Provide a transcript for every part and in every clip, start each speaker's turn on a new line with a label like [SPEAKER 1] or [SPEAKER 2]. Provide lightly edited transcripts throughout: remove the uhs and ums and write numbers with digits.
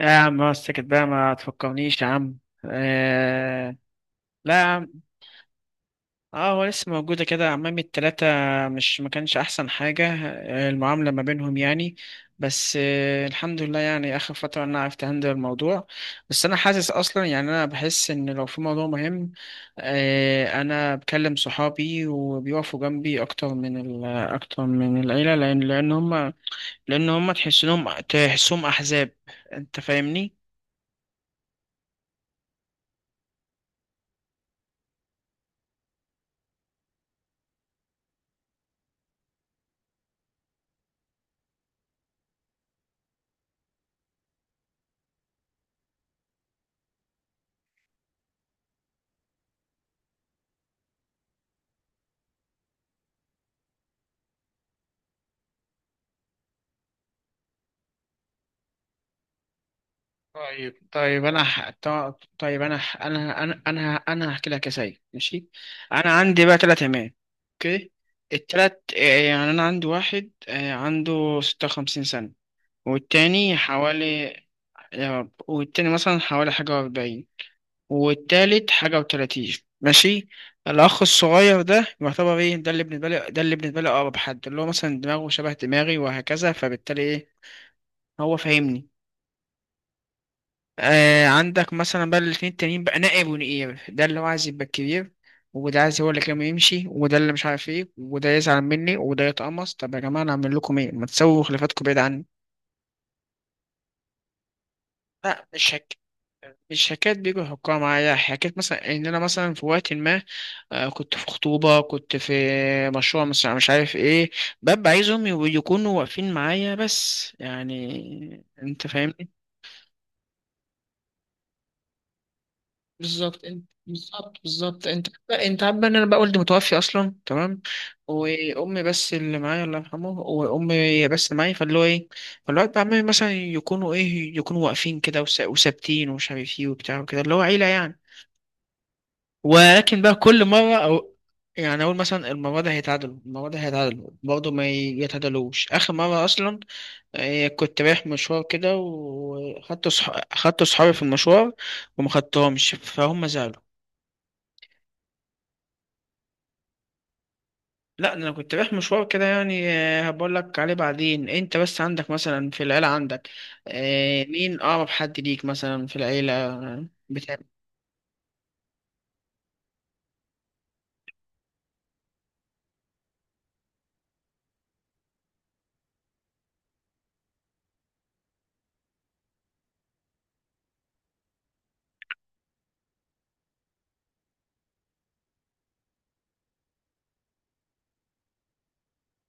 [SPEAKER 1] يا عم ما سكت بقى، ما تفكرنيش يا عم. آه. لا يا عم. اه، هو لسه موجودة كده عمامي التلاتة. مش، ما كانش أحسن حاجة، المعاملة ما بينهم يعني. بس الحمد لله يعني، آخر فترة أنا عرفت أهندل الموضوع. بس أنا حاسس أصلا يعني، أنا بحس إن لو في موضوع مهم، أنا بكلم صحابي وبيقفوا جنبي أكتر من ال العيلة، لأن هما تحسهم أحزاب. أنت فاهمني؟ طيب طيب انا هحكي لك يا سيد، ماشي. انا عندي بقى ثلاث عمال، اوكي. التلات، يعني انا عندي واحد، عنده 56 سنة. والتاني حوالي، يا رب. والتاني مثلا حوالي حاجة وأربعين، والتالت حاجة وتلاتين، ماشي. الأخ الصغير ده يعتبر إيه، ده اللي بالنسبة لي أقرب حد، اللي هو مثلا دماغه شبه دماغي وهكذا، فبالتالي إيه، هو فاهمني. آه، عندك مثلا بقى الاتنين التانيين بقى نائب ونقيب، ده اللي هو عايز يبقى الكبير، وده عايز هو اللي كان يمشي، وده اللي مش عارف ايه، وده يزعل مني، وده يتقمص. طب يا جماعة، انا اعمل لكم ايه؟ ما تسووا خلافاتكم بعيد عني. لا، مش حكاية بيجوا يحكوها معايا، حكاية مثلا ان انا مثلا في وقت ما كنت في خطوبة، كنت في مشروع، مش عارف ايه، ببقى عايزهم يكونوا واقفين معايا بس، يعني انت. بالظبط، انت عارف بقى ان انا بقى والدي متوفي اصلا، تمام. وامي بس اللي معايا الله يرحمه، وامي بس اللي معايا، فاللي هو ايه، فالوقت بقى عمامي مثلا يكونوا ايه، يكونوا واقفين كده وثابتين ومش عارف ايه وبتاع وكده، اللي هو عيله يعني. ولكن بقى كل مره، او يعني اقول مثلا المره دي هيتعادلوا، المره دي هيتعادلوا، برضه ما يتعادلوش. اخر مره اصلا، كنت رايح مشوار كده، وخدت صح... خدت صحابي في المشوار، وما خدتهمش، فهم زعلوا. لا ده انا كنت رايح مشوار كده يعني، هبقول لك عليه بعدين. انت بس عندك مثلا في العيله، عندك، مين اقرب حد ليك مثلا في العيله، بتاع؟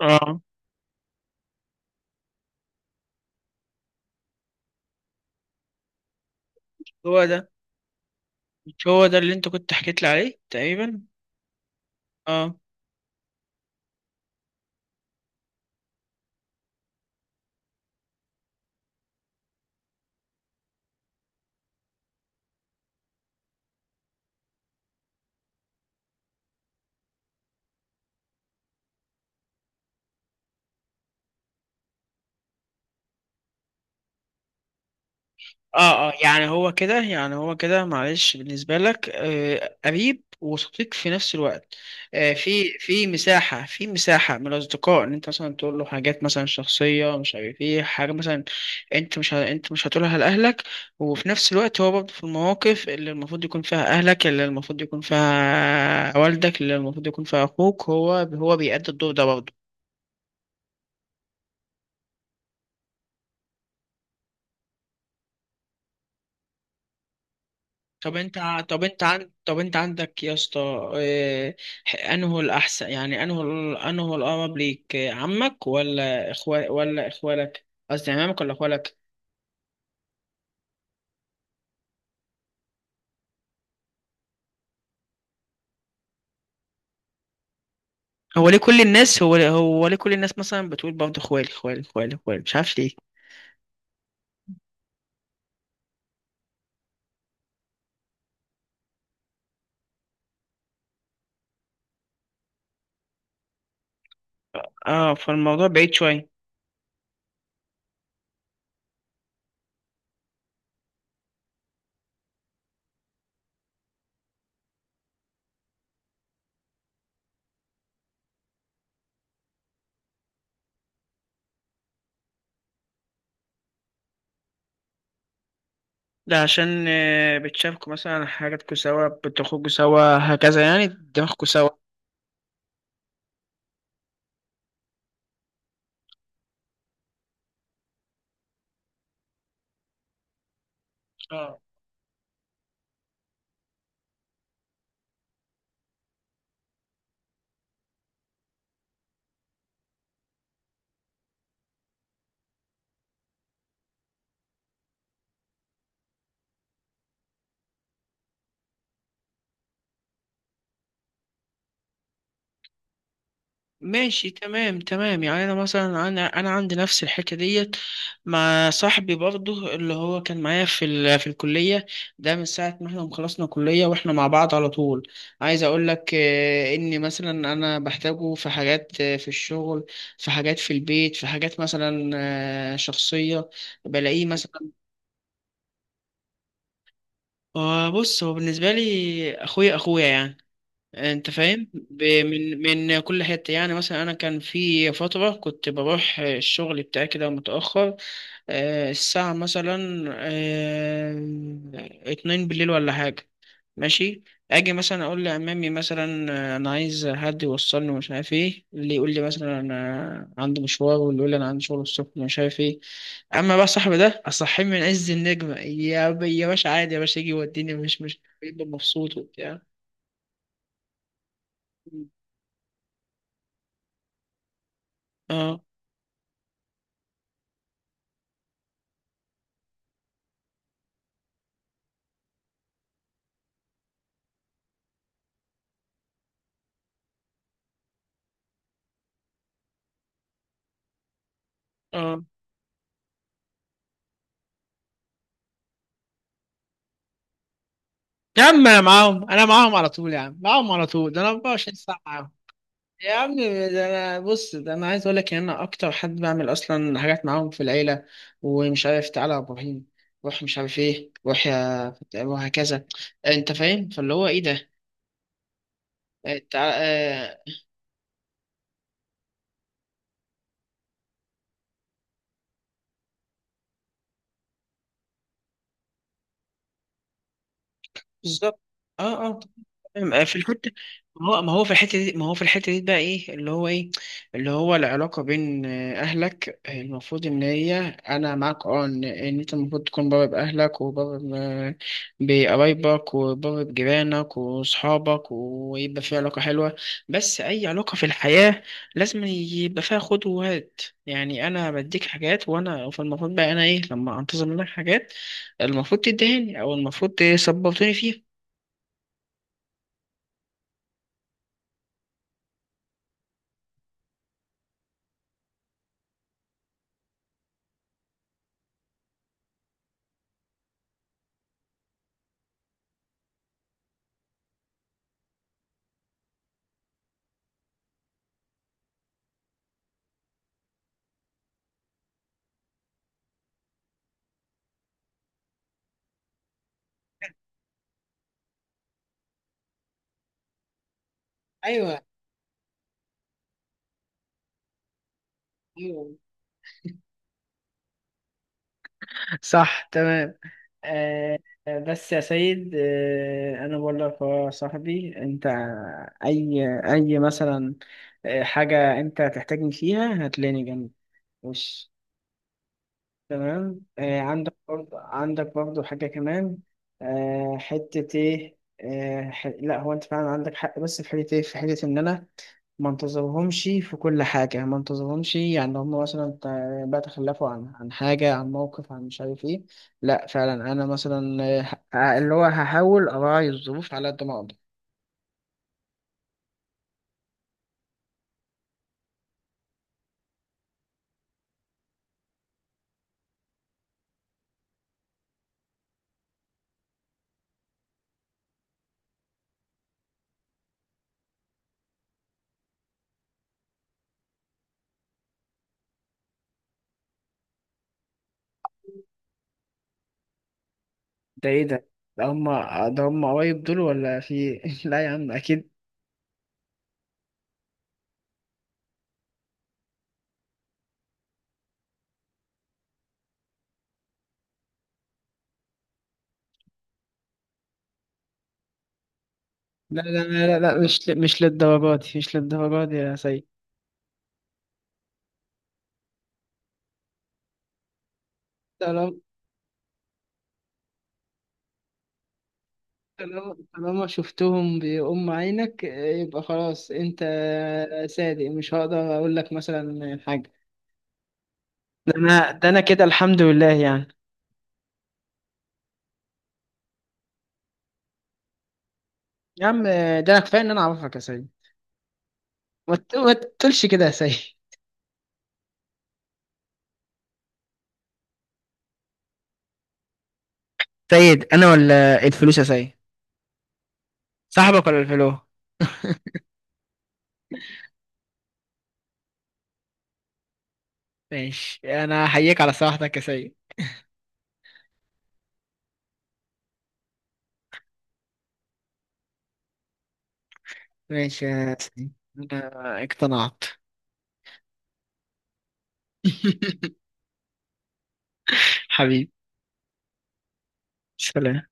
[SPEAKER 1] اه هو ده. مش هو ده اللي انت كنت حكيت لي عليه تقريبا؟ اه. اه اه، يعني هو كده، يعني هو كده، معلش. بالنسبة لك قريب وصديق في نفس الوقت. في مساحة من الأصدقاء، إن أنت مثلا تقول له حاجات مثلا شخصية، مش عارف إيه، حاجة مثلا، أنت مش هتقولها لأهلك. وفي نفس الوقت، هو برضه في المواقف اللي المفروض يكون فيها أهلك، اللي المفروض يكون فيها والدك، اللي المفروض يكون فيها أخوك، هو بيأدي الدور ده برضه. طب انت عندك يا اسطى، انه الاحسن، يعني انه الاقرب ليك، عمك ولا اخوال، ولا اخوالك؟ قصدي عمامك ولا اخوالك. هو ليه كل الناس مثلا بتقول برضه اخوالي اخوالي اخوالي اخوالي؟ مش عارف ليه. اه، فالموضوع بعيد شويه. ده عشان بتشاركوا مثلا حاجاتكوا سوا، بتخرجوا سوا، هكذا، يعني دماغكوا سوا. ماشي، تمام تمام. يعني انا مثلا انا عندي نفس الحكايه ديت، مع صاحبي برضه اللي هو كان معايا في الكليه، ده من ساعه ما احنا ما خلصنا كليه، واحنا مع بعض على طول. عايز اقول لك اني مثلا انا بحتاجه في حاجات، في الشغل، في حاجات في البيت، في حاجات مثلا شخصيه، بلاقيه مثلا. بص، هو بالنسبه لي اخويا اخويا يعني. انت فاهم من كل حته. يعني مثلا انا كان في فتره كنت بروح الشغل بتاعي كده متاخر، الساعه مثلا 2 بالليل ولا حاجه، ماشي. اجي مثلا اقول لعمامي مثلا انا عايز حد يوصلني ومش عارف ايه، اللي يقول لي مثلا انا عندي مشوار، واللي يقول لي انا عندي شغل الصبح ومش عارف ايه. اما بقى صاحبي ده، اصحيه من عز النجمه، يا باشا، عادي يا باشا، يجي يوديني، مش بيبقى مبسوط وبتاع. اه اه. يا عم انا معاهم، انا معاهم على طول يا عم، معاهم على طول. ده انا 24 ساعه معاهم يا عم. ده انا بص، ده انا عايز اقول لك ان انا اكتر حد بعمل اصلا حاجات معاهم في العيله، ومش عارف، تعالى يا ابراهيم، روح، مش عارف ايه، روح، وهكذا. انت فاهم، فاللي هو ايه ده. بالظبط. اه اه فاهم. في الحته، ما هو ما هو في الحته دي ما هو في الحته دي بقى ايه، اللي هو العلاقه بين اهلك، المفروض ان هي، انا معاك، إن انت المفروض تكون بابا باهلك، وبابا بقرايبك، وبابا بجيرانك واصحابك، ويبقى في علاقه حلوه. بس اي علاقه في الحياه لازم يبقى فيها خد وهات، يعني انا بديك حاجات، وانا فالمفروض بقى انا ايه، لما انتظر منك حاجات، المفروض تدهني، او المفروض تسبورتني فيها. ايوه، ايوه، صح، تمام، آه. بس يا سيد، انا بقول لك يا صاحبي انت، اي اي مثلا حاجة انت هتحتاجني فيها هتلاقيني جنبك، وش، تمام. عندك برضه حاجة كمان. حتة إيه، لا، هو أنت فعلا عندك حق، بس في حتة إيه، في حتة إن أنا ما انتظرهمش في كل حاجة، ما انتظرهمش، يعني هم مثلا بقى تخلفوا عن حاجة، عن موقف، عن مش عارف إيه، لا، فعلا أنا مثلا اللي هو هحاول أراعي الظروف على قد ما أقدر. ده إيه ده؟ ده هم ده هم قرايب دول، ولا في إيه؟ لا يا عم، أكيد لا لا لا لا لا، مش للدرجات دي، مش للدرجات دي يا سيد. طالما طالما شفتهم بأم عينك، يبقى خلاص انت صادق، مش هقدر اقول لك مثلا حاجه. ده انا كده الحمد لله يعني. يا عم، ده انا كفايه ان انا اعرفك يا سيد. ما تقولش كده يا سيد. سيد، انا ولا الفلوس يا سيد؟ صاحبك ولا الفلو؟ ماشي، انا احييك على صراحتك يا سيد. ماشي يا سيد، انا اقتنعت. حبيبي. سلام.